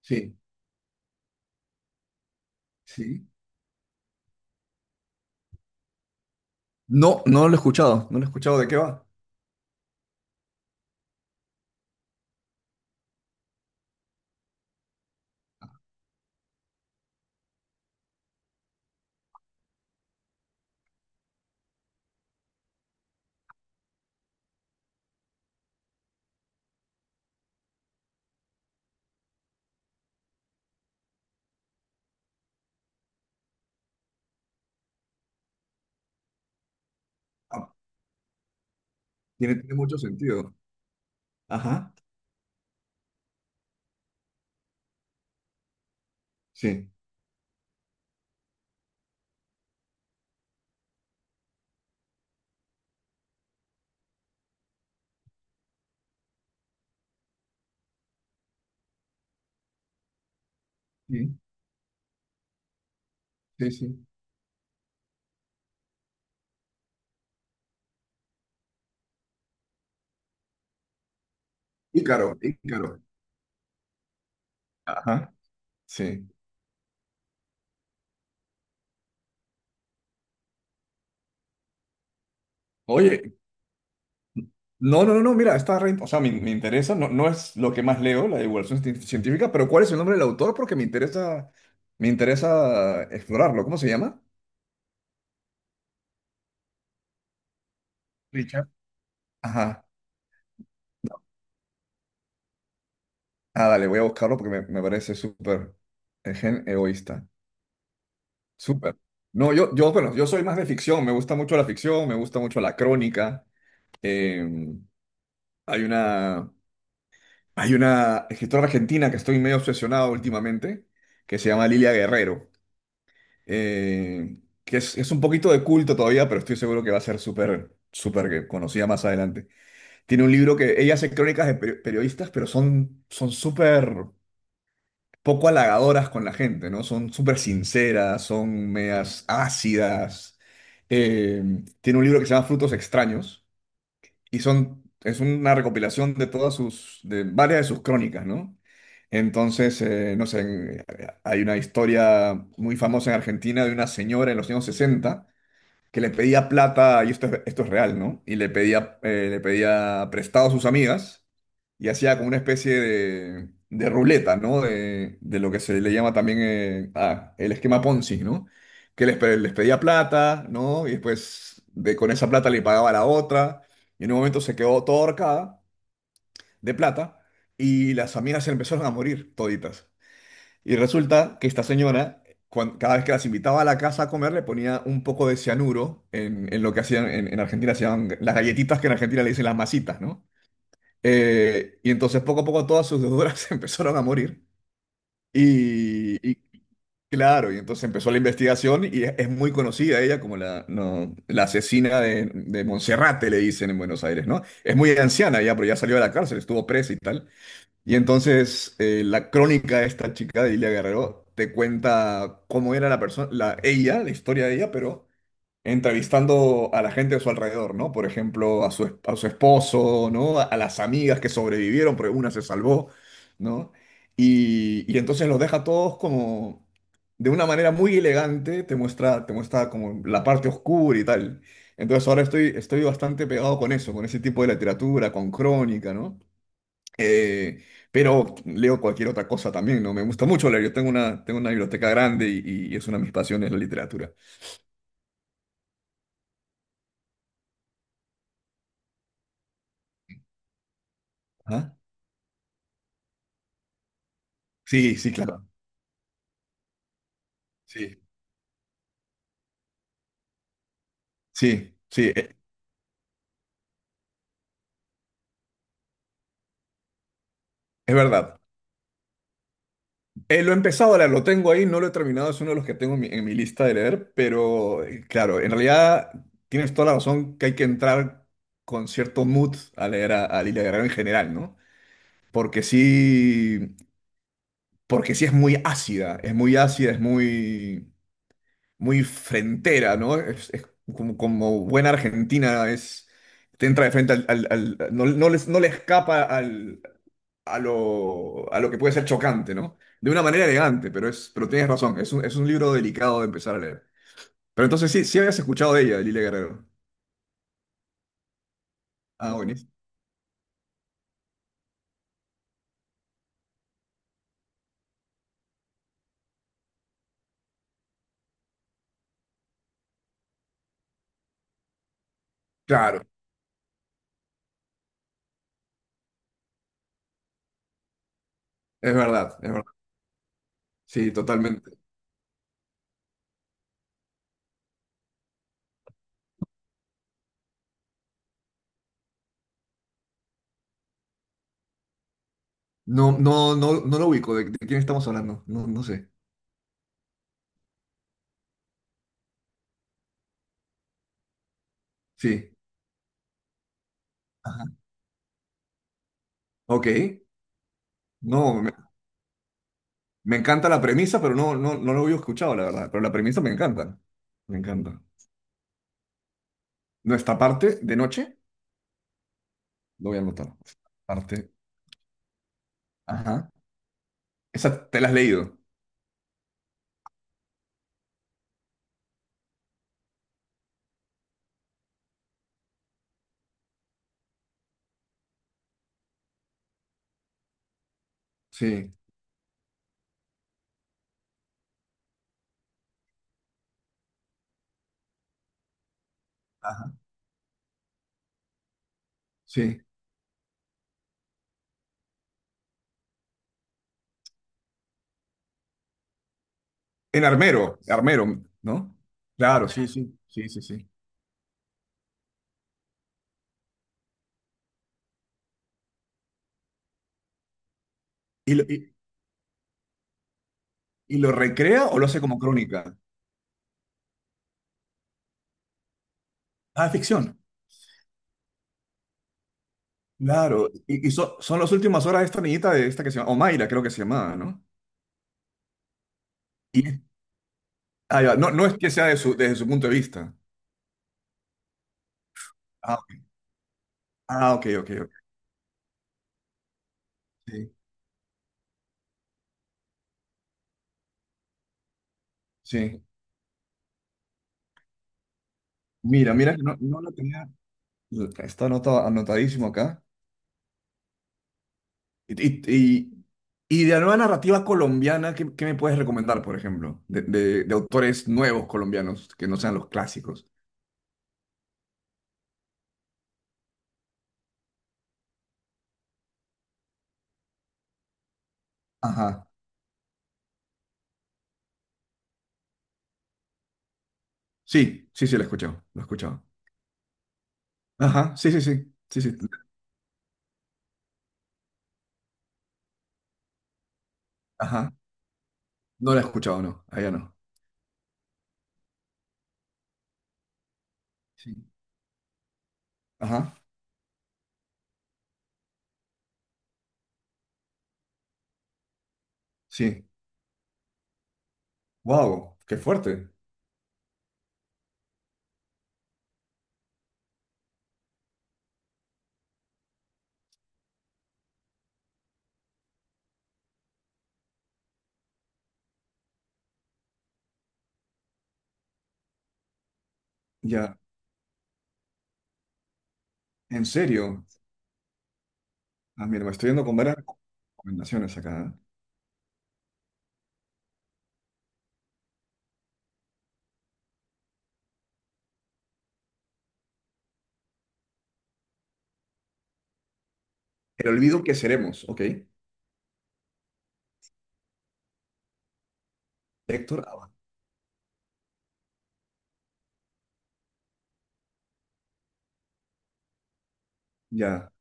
Sí, sí. No, no lo he escuchado, no lo he escuchado. ¿De qué va? Ah, tiene, tiene mucho sentido. Ajá, sí, sí, sí, sí. Ícaro, Ícaro. Ajá, sí. Oye, no, no, no, no, mira, está re, o sea, me interesa, no, no es lo que más leo, la divulgación científica, pero ¿cuál es el nombre del autor? Porque me interesa explorarlo. ¿Cómo se llama? Richard. Ajá. Ah, dale, voy a buscarlo porque me parece súper gen egoísta. Súper. No, yo, bueno, yo soy más de ficción, me gusta mucho la ficción, me gusta mucho la crónica. Eh, Hay una, hay una escritora argentina que estoy medio obsesionado últimamente, que se llama Lilia Guerrero, eh, que es un poquito de culto todavía, pero estoy seguro que va a ser súper, súper conocida más adelante. Tiene un libro que ella hace crónicas de periodistas, pero son, son súper poco halagadoras con la gente, ¿no? Son súper sinceras, son medias ácidas. Eh, Tiene un libro que se llama Frutos Extraños y son, es una recopilación de todas sus, de varias de sus crónicas, ¿no? Entonces, no sé, hay una historia muy famosa en Argentina de una señora en los años 60 que le pedía plata, y esto, esto es real, ¿no? Y le pedía prestado a sus amigas y hacía como una especie de ruleta, ¿no? De lo que se le llama también el esquema Ponzi, ¿no? Que les, les pedía plata, ¿no? Y después de, con esa plata le pagaba a la otra. Y en un momento se quedó toda ahorcada de plata y las amigas se empezaron a morir toditas. Y resulta que esta señora, cada vez que las invitaba a la casa a comer, le ponía un poco de cianuro en lo que hacían en Argentina, se llaman las galletitas que en Argentina le dicen las masitas, ¿no? Y entonces poco a poco todas sus deudoras empezaron a morir. Y claro, y entonces empezó la investigación y es muy conocida ella como la, no, la asesina de Monserrate, le dicen en Buenos Aires, ¿no? Es muy anciana ya, pero ya salió de la cárcel, estuvo presa y tal. Y entonces la crónica de esta chica de Ilia Guerrero te cuenta cómo era la persona, la, ella, la historia de ella, pero entrevistando a la gente de su alrededor, ¿no? Por ejemplo, a su, a su esposo, ¿no? A las amigas que sobrevivieron, porque una se salvó, ¿no? Y, entonces los deja todos como de una manera muy elegante, te muestra como la parte oscura y tal. Entonces ahora estoy, estoy bastante pegado con eso, con ese tipo de literatura, con crónica, ¿no? Eh, pero leo cualquier otra cosa también, ¿no? Me gusta mucho leer. Yo tengo una biblioteca grande y es una de mis pasiones la literatura. Ajá. Sí, sí, claro. Sí, sí, sí, es verdad. Lo he empezado a leer, lo tengo ahí, no lo he terminado, es uno de los que tengo en mi lista de leer, pero claro, en realidad tienes toda la razón que hay que entrar con cierto mood a leer a Lilia Guerrero en general, ¿no? Porque sí, porque sí es muy ácida, es muy ácida, es muy... muy frentera, ¿no? Es como, como buena argentina, es, te entra de frente al, no, no les, no le escapa al, a lo que puede ser chocante, ¿no? De una manera elegante, pero, es, pero tienes razón, es un libro delicado de empezar a leer. Pero entonces sí, sí habías escuchado de ella, de Lilia Guerrero. Ah, buenísimo. Claro, es verdad, es verdad. Sí, totalmente. No, no, no, no lo ubico, de quién estamos hablando? No, no sé. Sí. Ajá. Ok. No, me encanta la premisa, pero no, no, no lo había escuchado, la verdad. Pero la premisa me encanta. Me encanta. Nuestra parte de noche, lo voy a anotar. Parte. Ajá. Esa te la has leído. Sí. Ajá. Sí. En Armero, Armero, ¿no? Claro, sí, sí. Sí, sí, sí. ¿Y lo, y, y lo recrea o lo hace como crónica? Ah, ficción. Claro. Y son las últimas horas de esta niñita de esta que se llama, Omaira, creo que se llamaba, ¿no? Y, ah, ya, no, no es que sea de su, desde su punto de vista. Ah, ok, ah, ok, ok. Ok. Sí. Sí, mira, mira que no, no la tenía, está anotadísimo acá. Y, y, y- y de la nueva narrativa colombiana, ¿qué, qué me puedes recomendar, por ejemplo? De, de autores nuevos colombianos, que no sean los clásicos. Ajá. Sí, sí, sí, la he escuchado, la he escuchado. Ajá, sí, sí, sí, sí, sí. Ajá. No la he escuchado, no, allá no. Sí. Ajá, sí. Wow, qué fuerte. Ya, en serio. Ah, mira, me estoy yendo con varias recomendaciones acá. ¿Eh? El olvido que seremos, ¿ok? Héctor. Ya.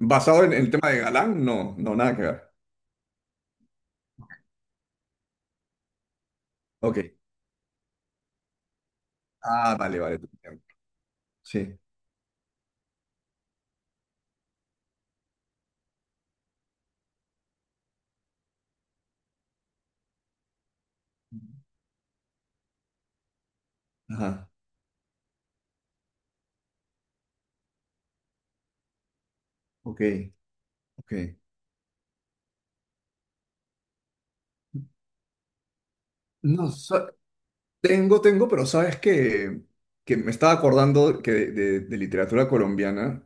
¿Basado en el tema de Galán? No, no, nada que ver. Ok. Ah, vale, vale. Te entiendo. Sí. Ajá. Ok, ok. No, tengo, tengo, pero sabes que me estaba acordando que de, de literatura colombiana.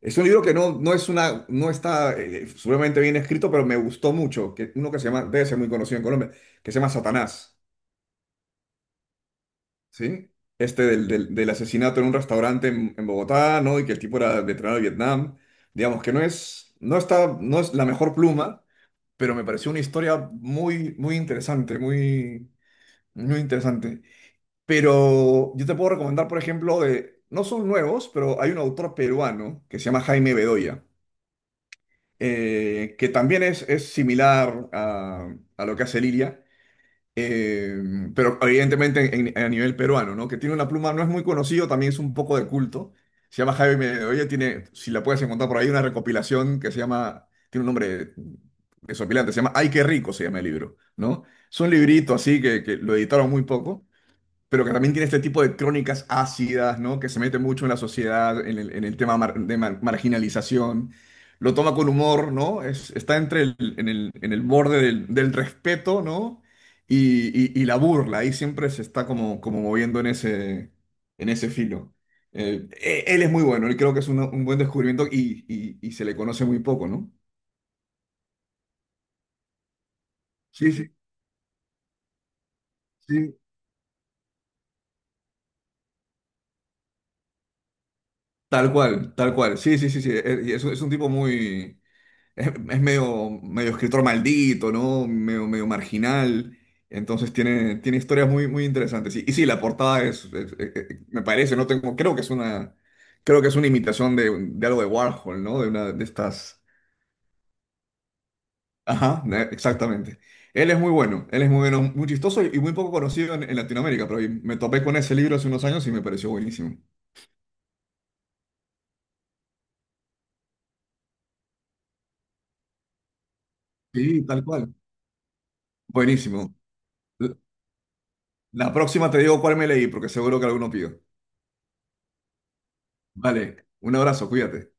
Es un libro que no, no es una, no está seguramente bien escrito, pero me gustó mucho. Que, uno que se llama, debe ser muy conocido en Colombia, que se llama Satanás. ¿Sí? Este del, del asesinato en un restaurante en Bogotá, ¿no? Y que el tipo era veterano de Vietnam. Digamos que no es, no está, no es la mejor pluma, pero me pareció una historia muy, muy interesante, muy, muy interesante. Pero yo te puedo recomendar, por ejemplo, de, no son nuevos, pero hay un autor peruano que se llama Jaime Bedoya, que también es similar a lo que hace Lilia eh, pero evidentemente a nivel peruano, ¿no? Que tiene una pluma, no es muy conocido, también es un poco de culto. Se llama Jaime Bedoya, tiene, si la puedes encontrar por ahí, una recopilación que se llama, tiene un nombre desopilante, se llama Ay, qué rico, se llama el libro, ¿no? Es un librito así que lo editaron muy poco pero que también tiene este tipo de crónicas ácidas, ¿no? Que se mete mucho en la sociedad, en el tema marginalización. Lo toma con humor, ¿no? Está entre el, en el, en el borde del, del respeto, ¿no? Y, y la burla, ahí siempre se está como, como moviendo en ese filo. Él es muy bueno, él creo que es un buen descubrimiento y, y se le conoce muy poco, ¿no? Sí, sí, sí. Tal cual, tal cual. Sí, sí, sí, sí. Y es, es un tipo muy, es medio, medio escritor maldito, ¿no? Medio, medio marginal. Entonces tiene, tiene historias muy, muy interesantes. Y sí, la portada es, me parece, no tengo, creo que es una, creo que es una imitación de algo de Warhol, ¿no? De una de estas. Ajá, de- exactamente. Él es muy bueno, él es muy bueno, muy chistoso y muy poco conocido en Latinoamérica, pero me topé con ese libro hace unos años y me pareció buenísimo. Sí, tal cual. Buenísimo. La próxima te digo cuál me leí, porque seguro que alguno pido. Vale, un abrazo, cuídate.